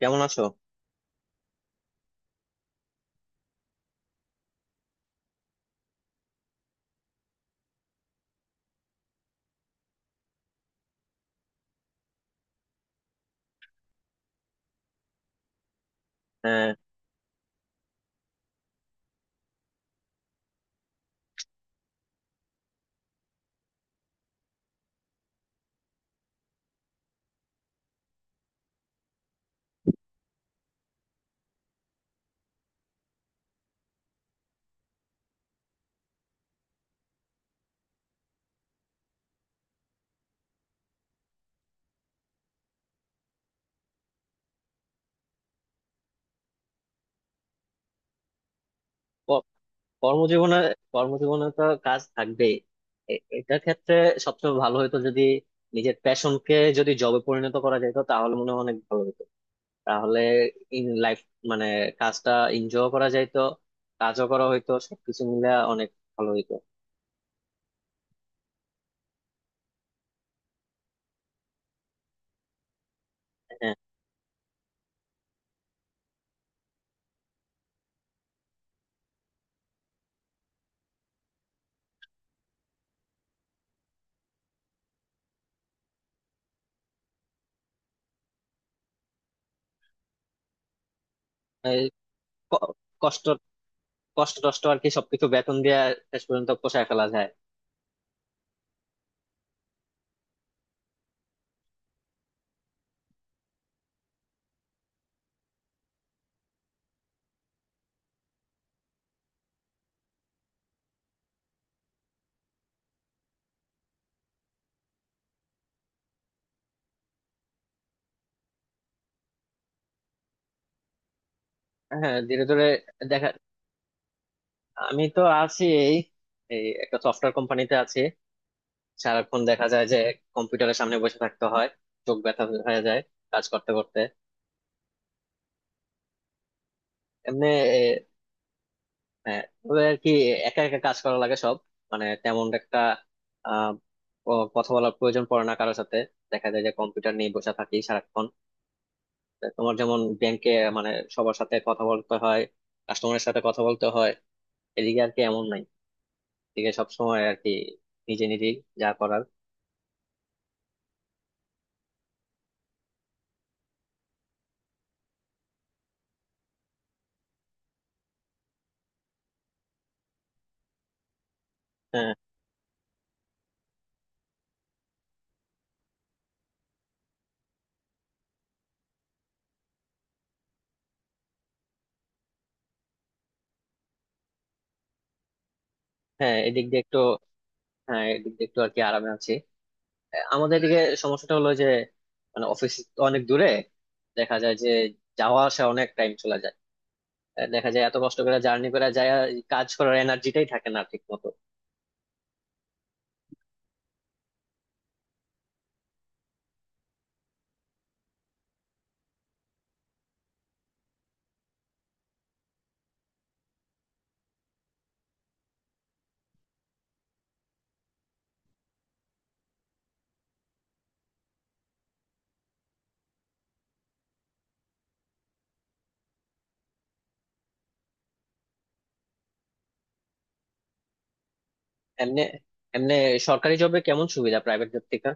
কেমন আছো? হ্যাঁ। ক- কর্মজীবনে, তো কাজ থাকবেই। এটার ক্ষেত্রে সবচেয়ে ভালো হতো যদি নিজের প্যাশনকে যদি জবে পরিণত করা যেত, তাহলে মনে হয় অনেক ভালো হতো। তাহলে ইন লাইফ মানে কাজটা এনজয় করা যাইতো, কাজও করা হইতো, সবকিছু মিলে অনেক ভালো হইতো। হ্যাঁ। এই ক- কষ্ট, টষ্ট আর কি, সবকিছু বেতন দিয়ে শেষ পর্যন্ত পোষায় ফেলা যায়। হ্যাঁ, ধীরে ধীরে। দেখা, আমি তো আছি এই, এই একটা সফটওয়্যার কোম্পানিতে আছি। সারাক্ষণ দেখা যায় যে কম্পিউটারের সামনে বসে থাকতে হয়, চোখ ব্যথা হয়ে যায় কাজ করতে করতে, এমনি। এ, হ্যাঁ, তবে আর কি, একা একা কাজ করা লাগে সব। মানে তেমন একটা আহ কথা বলার প্রয়োজন পড়ে না কারোর সাথে। দেখা যায় যে কম্পিউটার নিয়ে বসে থাকি সারাক্ষণ। তা তোমার যেমন ব্যাংকে, মানে সবার সাথে কথা বলতে হয়, কাস্টমারের সাথে কথা বলতে হয়, এদিকে আর কি এমন নাই। এদিকে সবসময় আর কি নিজে নিজেই যা করার। হ্যাঁ। হ্যাঁ এদিক দিয়ে একটু হ্যাঁ, এদিক দিয়ে একটু আর কি আরামে আছি। আমাদের এদিকে সমস্যাটা হলো যে মানে অফিস তো অনেক দূরে, দেখা যায় যে যাওয়া আসা অনেক টাইম চলে যায়। দেখা যায় এত কষ্ট করে জার্নি করে যায়, কাজ করার এনার্জিটাই থাকে না ঠিক মতো। এমনি এমনি সরকারি জবে কেমন সুবিধা প্রাইভেট জব থেকে?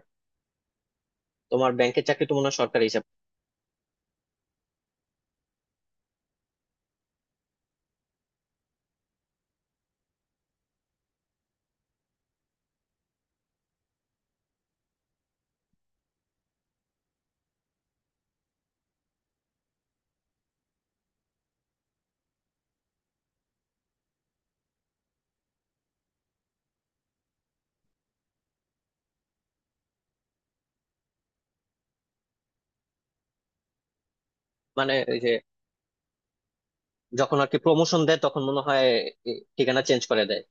তোমার ব্যাংকের চাকরি তো মনে হয় সরকারি হিসাব। মানে ওই যে যখন আর কি প্রমোশন দেয় তখন মনে হয় এ, ঠিকানা চেঞ্জ করে দেয়।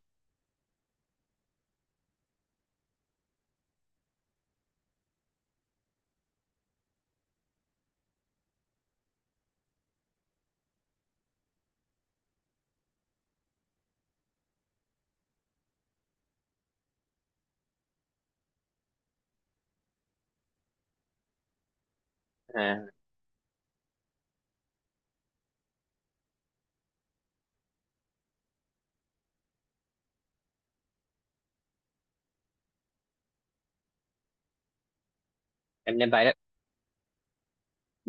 হ্যাঁ। এমনি বাইরে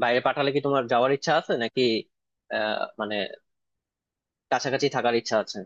বাইরে পাঠালে কি তোমার যাওয়ার ইচ্ছা আছে নাকি? মানে কাছাকাছি থাকার ইচ্ছা আছে।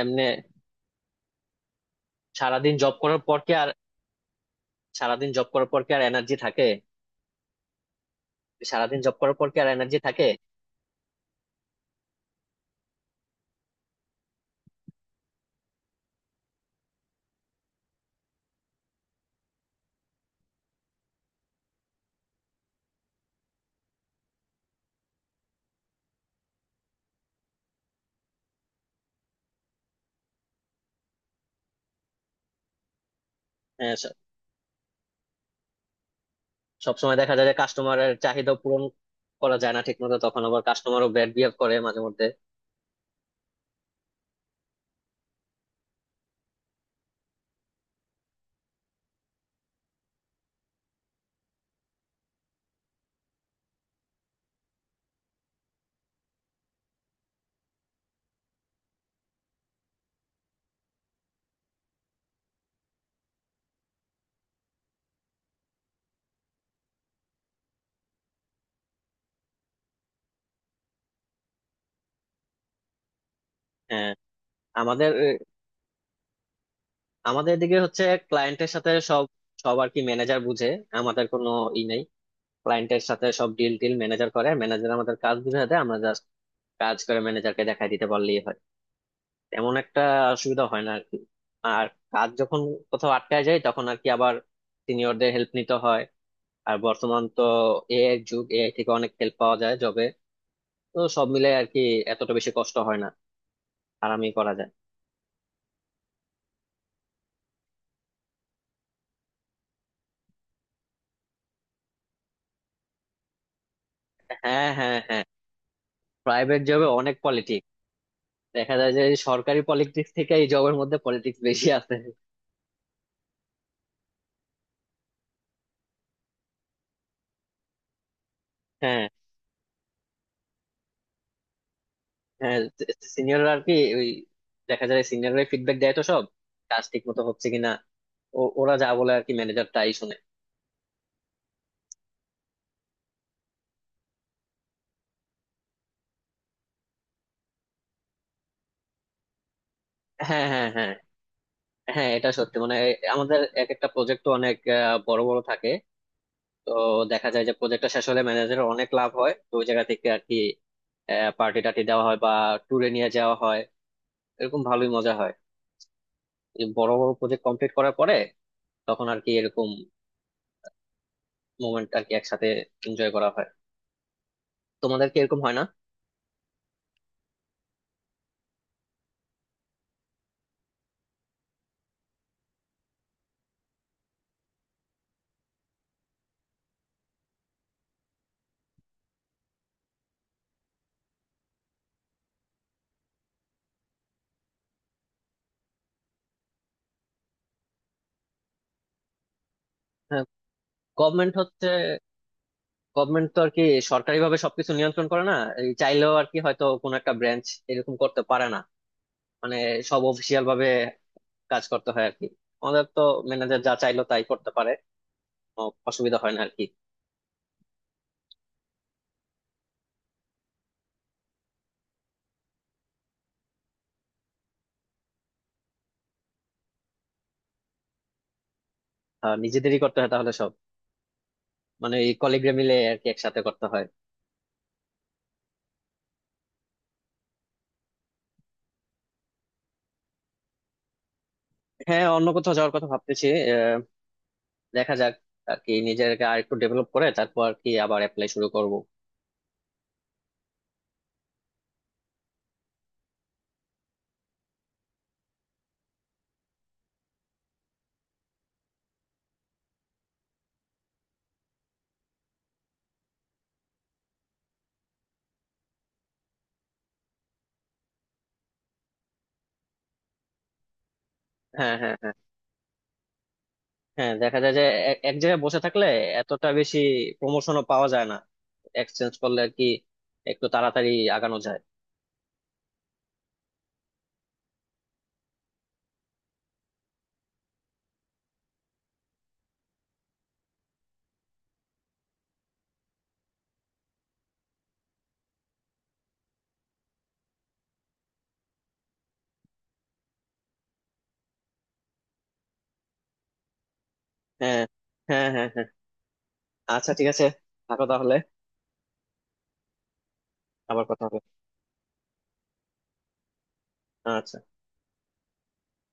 এমনি সারাদিন জব করার পর কি আর, সারাদিন জব করার পর কি আর এনার্জি থাকে সারাদিন জব করার পর কি আর এনার্জি থাকে? আহ, স- সবসময় দেখা যায় যে কাস্টমারের চাহিদা পূরণ করা যায় না ঠিক মতো, তখন আবার কাস্টমারও ব্যাড বিহেভ করে মাঝে মধ্যে। হ্যাঁ। আমাদের আমাদের দিকে হচ্ছে ক্লায়েন্টের সাথে সব, সব আর কি ম্যানেজার বুঝে। আমাদের কোনো ই নেই। ক্লায়েন্টের সাথে সব ডিল টিল ম্যানেজার করে, ম্যানেজার আমাদের কাজ বুঝে দেয়, আমরা জাস্ট কাজ করে ম্যানেজারকে দেখাই দিতে পারলেই হয়। তেমন একটা অসুবিধা হয় না আর কি। আর কাজ যখন কোথাও আটকায় যায় তখন আর কি আবার সিনিয়রদের হেল্প নিতে হয়। আর বর্তমান তো এআই যুগ, এআই থেকে অনেক হেল্প পাওয়া যায় জবে। তো সব মিলে আর কি এতটা বেশি কষ্ট হয় না, আরামই করা যায়। হ্যাঁ, হ্যাঁ, হ্যাঁ, প্রাইভেট জবে অনেক পলিটিক্স। দেখা যায় যে সরকারি পলিটিক্স থেকে এই জবের মধ্যে পলিটিক্স বেশি আছে। হ্যাঁ। হ্যাঁ, সিনিয়ররা আর কি, ওই, দেখা যায় সিনিয়ররা ফিডব্যাক দেয় তো সব কাজ ঠিক মতো হচ্ছে কিনা। ওরা যা বলে আর কি ম্যানেজার তাই শুনে। হ্যাঁ, হ্যাঁ, হ্যাঁ, হ্যাঁ এটা সত্যি। মানে আমাদের এক একটা প্রজেক্ট তো অনেক বড় বড় থাকে। তো দেখা যায় যে প্রজেক্টটা শেষ হলে ম্যানেজারের অনেক লাভ হয়, তো ওই জায়গা থেকে আর কি পার্টি টাটি দেওয়া হয় বা ট্যুরে নিয়ে যাওয়া হয়। এরকম ভালোই মজা হয় এই বড় বড় প্রজেক্ট কমপ্লিট করার পরে। তখন আর কি এরকম মোমেন্ট আর কি একসাথে এনজয় করা হয়। তোমাদের কি এরকম হয় না? হ্যাঁ, গভর্নমেন্ট হচ্ছে, গভর্নমেন্ট তো আর কি সরকারি ভাবে সবকিছু নিয়ন্ত্রণ করে না। এই চাইলেও আর কি হয়তো কোনো একটা ব্রাঞ্চ এরকম করতে পারে না। মানে সব অফিসিয়াল ভাবে কাজ করতে হয় আর কি। আমাদের তো ম্যানেজার যা চাইলো তাই করতে পারে, কোনো অসুবিধা হয় না আর কি। নিজেদেরই করতে হয় তাহলে সব, মানে এই কলিগরা মিলে আর কি একসাথে করতে হয়। হ্যাঁ, অন্য কোথাও যাওয়ার কথা ভাবতেছি। আহ, দেখা যাক, আর কি নিজেকে আর একটু ডেভেলপ করে তারপর আর কি আবার অ্যাপ্লাই শুরু করব। হ্যাঁ, হ্যাঁ, হ্যাঁ, হ্যাঁ, দেখা যায় যে এক এক জায়গায় বসে থাকলে এতটা বেশি প্রমোশনও পাওয়া যায় না, এক্সচেঞ্জ করলে আর কি একটু তাড়াতাড়ি আগানো যায়। হ্যাঁ, হ্যাঁ, হ্যাঁ, হ্যাঁ, আচ্ছা, ঠিক আছে, থাকো তাহলে। আবার কথা হবে। আচ্ছা।